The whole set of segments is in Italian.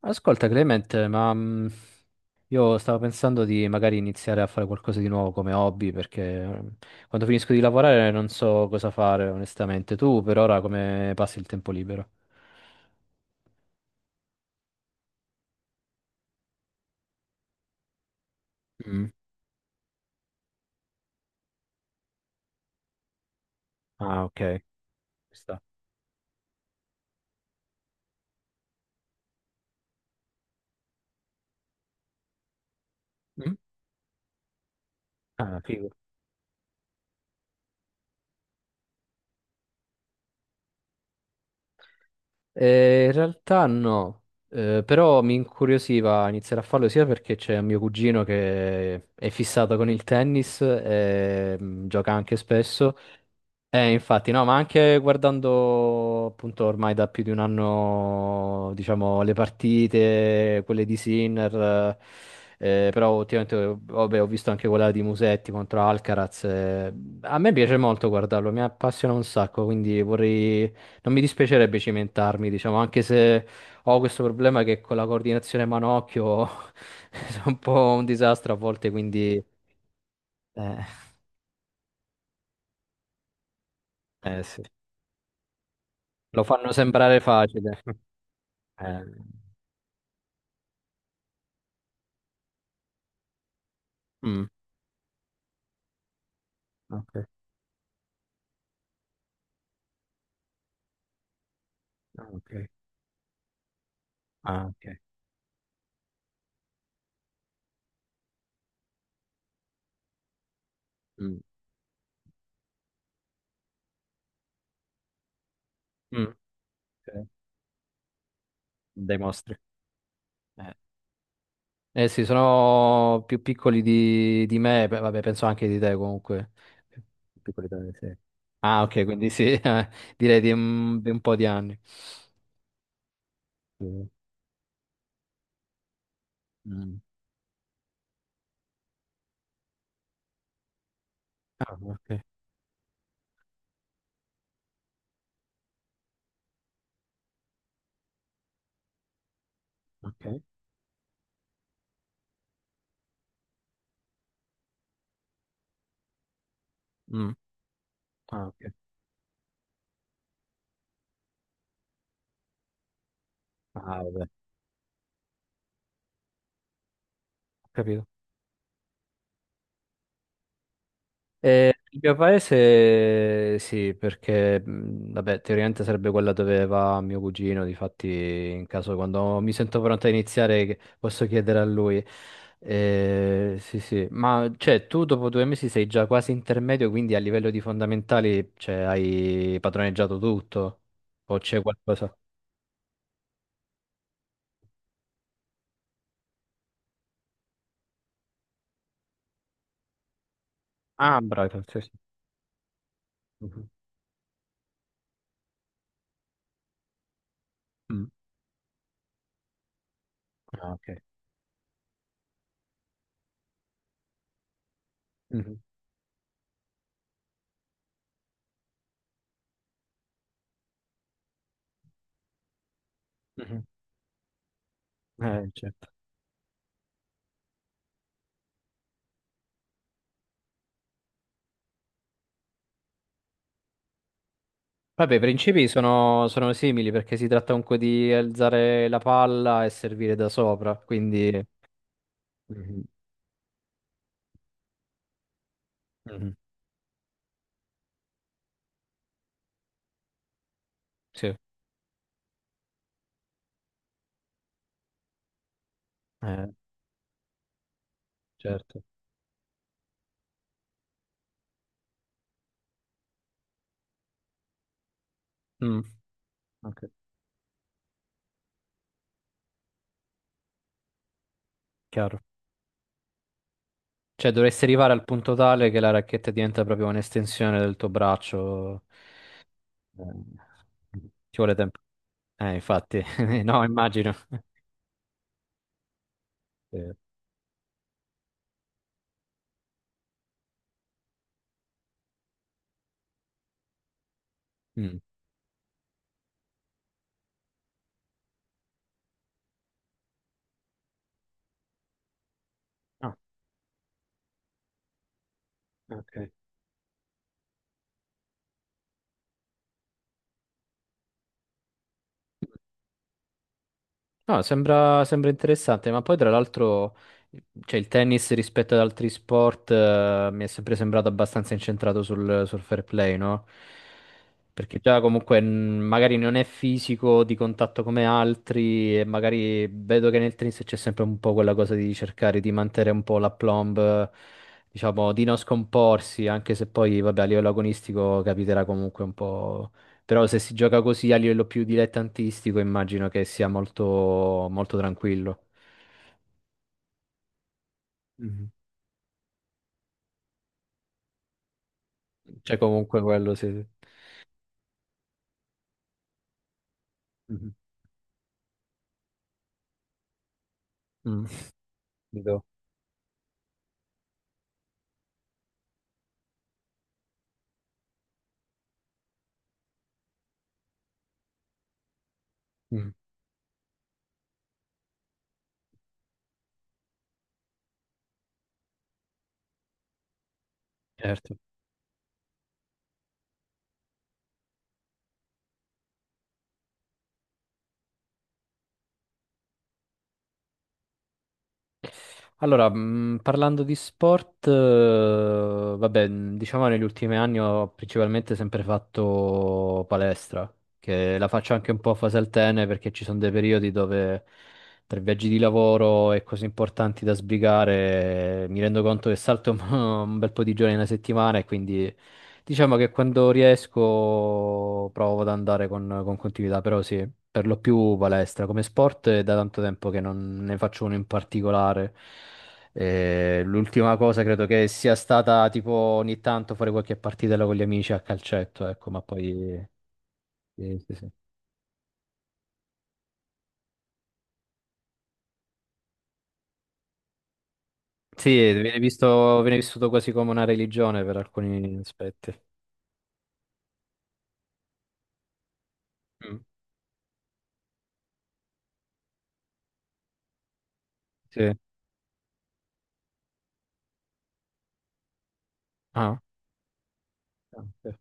Ascolta Clement, ma io stavo pensando di magari iniziare a fare qualcosa di nuovo come hobby perché quando finisco di lavorare non so cosa fare onestamente. Tu per ora come passi il tempo libero? Mm. Ah, ok. Ci sta. Mm. Ah, figo. In realtà no. Però mi incuriosiva iniziare a farlo sia perché c'è un mio cugino che è fissato con il tennis e gioca anche spesso. Infatti, no, ma anche guardando appunto ormai da più di un anno, diciamo, le partite, quelle di Sinner, però ultimamente vabbè, ho visto anche quella di Musetti contro Alcaraz. A me piace molto guardarlo, mi appassiona un sacco, quindi vorrei, non mi dispiacerebbe cimentarmi, diciamo, anche se ho questo problema che con la coordinazione manocchio sono un po' un disastro a volte, quindi eh, sì. Lo fanno sembrare facile. Eh. Mm, ok, ah, ok, ah, ok. Mm, mm, ok. Dei mostri. Eh, eh sì, sono più piccoli di me, beh, vabbè, penso anche di te comunque. Più piccoli tagli, sì. Ah, ok, quindi sì, direi di un po' di anni. Sì. Mm. Ah, ok, ok. Mm. Ah, ok. Ah, vabbè, ho capito? Il mio paese sì, perché vabbè, teoricamente sarebbe quella dove va mio cugino, difatti in caso quando mi sento pronto a iniziare posso chiedere a lui. Sì, sì, ma cioè tu dopo 2 mesi sei già quasi intermedio, quindi a livello di fondamentali cioè, hai padroneggiato tutto o c'è qualcosa? Ah, bravo, sì, sì. Mhm. Mm. Ah, ok. Mhm. Mhm. Certo. Vabbè, i principi sono, sono simili perché si tratta comunque di alzare la palla e servire da sopra, quindi... Mhm. Mhm. Sì, eh, certo. Mm, ok, chiaro. Cioè, dovresti arrivare al punto tale che la racchetta diventa proprio un'estensione del tuo braccio. Eh, Ci vuole tempo. Infatti, no, immagino. Sì. Mm. Ah, ok. No, sembra, sembra interessante, ma poi tra l'altro, cioè, il tennis rispetto ad altri sport, mi è sempre sembrato abbastanza incentrato sul, sul fair play, no? Perché già comunque magari non è fisico di contatto come altri e magari vedo che nel tennis c'è sempre un po' quella cosa di cercare di mantenere un po' la plomb, diciamo, di non scomporsi, anche se poi, vabbè, a livello agonistico capiterà comunque un po'. Però se si gioca così a livello più dilettantistico, immagino che sia molto, molto tranquillo. Mhm, cioè, comunque quello sì. Mhm. Mm, vedo. Mm, certo. Allora, parlando di sport, vabbè, diciamo negli ultimi anni ho principalmente sempre fatto palestra, che la faccio anche un po' a fase alterne perché ci sono dei periodi dove tra viaggi di lavoro e cose importanti da sbrigare, mi rendo conto che salto un un bel po' di giorni in una settimana e quindi diciamo che quando riesco provo ad andare con continuità, però sì, per lo più palestra. Come sport è da tanto tempo che non ne faccio uno in particolare. L'ultima cosa credo che sia stata tipo ogni tanto fare qualche partitella con gli amici a calcetto, ecco, ma poi... Sì, sì, sì. Sì, viene visto, viene vissuto quasi come una religione per alcuni aspetti. Mm. Sì. Ah, ok.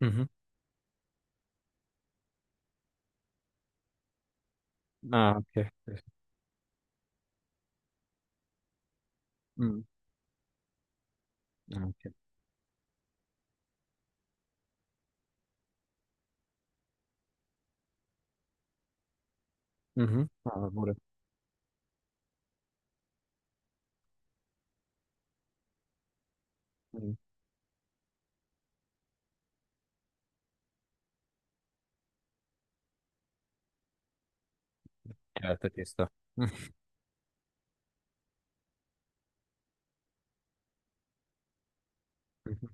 Mhm. Ah, ok. Sì, sì. Mm. Ah, ok. Mhm. Ah, pure. Mm. Certo, ci sta. Mhm.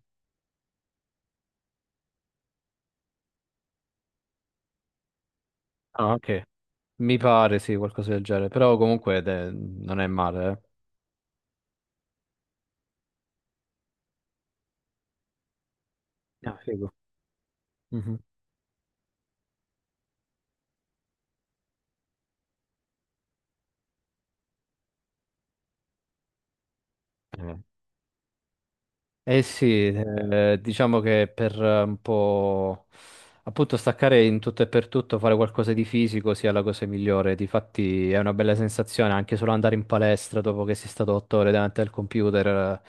Ah, ok. Mi pare, sì, qualcosa del genere. Però comunque non è male, eh. Ah, figo. Mhm. Eh. Eh sì, diciamo che per un po'. Appunto, staccare in tutto e per tutto, fare qualcosa di fisico sia la cosa migliore. Difatti è una bella sensazione anche solo andare in palestra dopo che sei stato 8 ore davanti al computer.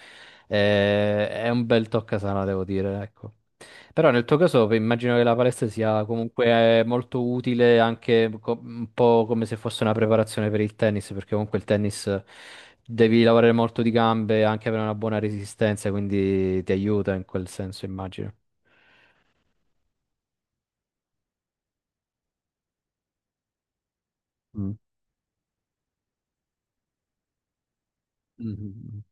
È un bel toccasana, devo dire, ecco. Però nel tuo caso beh, immagino che la palestra sia comunque molto utile anche un po' come se fosse una preparazione per il tennis, perché comunque il tennis devi lavorare molto di gambe e anche avere una buona resistenza, quindi ti aiuta in quel senso, immagino. Mm. Mhm.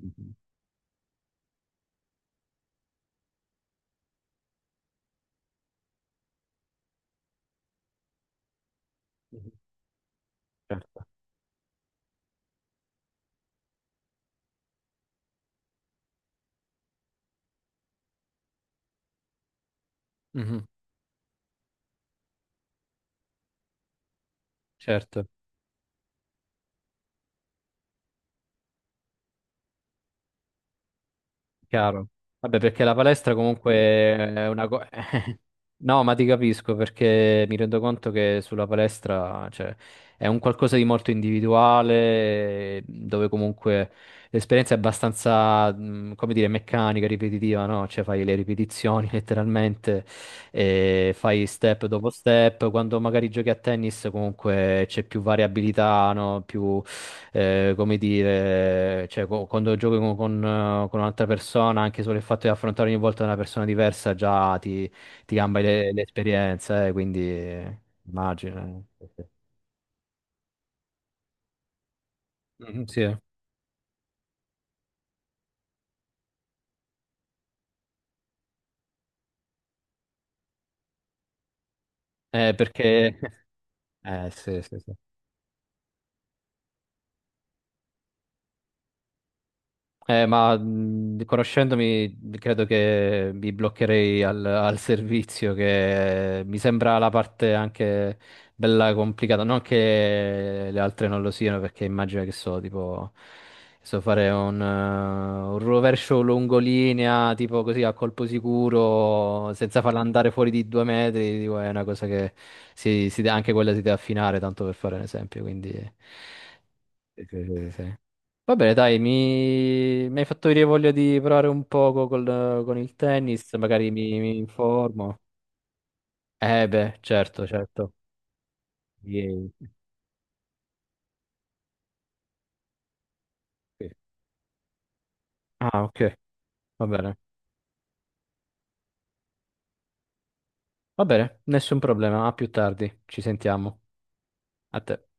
Mhm. Mhm. Certo. Mhm, certo, chiaro. Vabbè, perché la palestra comunque è una cosa. No, ma ti capisco perché mi rendo conto che sulla palestra, cioè, è un qualcosa di molto individuale, dove comunque l'esperienza è abbastanza, come dire, meccanica, ripetitiva, no? Cioè fai le ripetizioni letteralmente, e fai step dopo step. Quando magari giochi a tennis comunque c'è più variabilità, no? Come dire, cioè, quando giochi con un'altra persona, anche solo il fatto di affrontare ogni volta una persona diversa già ti cambia le esperienze, quindi immagino. Eh. Mm, sì. Perché... sì, sì, sì. Ma conoscendomi, credo che mi bloccherei al, al servizio, che mi sembra la parte anche bella complicata. Non che le altre non lo siano, perché immagino che so, tipo, so fare un rovescio lungolinea, tipo così a colpo sicuro, senza farla andare fuori di 2 metri. Dico, è una cosa che anche quella si deve affinare, tanto per fare un esempio. Quindi. Sì, sì, sì, sì. Va bene, dai, mi... mi hai fatto venire voglia di provare un poco con il tennis, magari mi, mi informo. Eh beh, certo, certo. Yay. Sì. Ah, ok, va bene. Va bene, nessun problema, a più tardi, ci sentiamo. A te.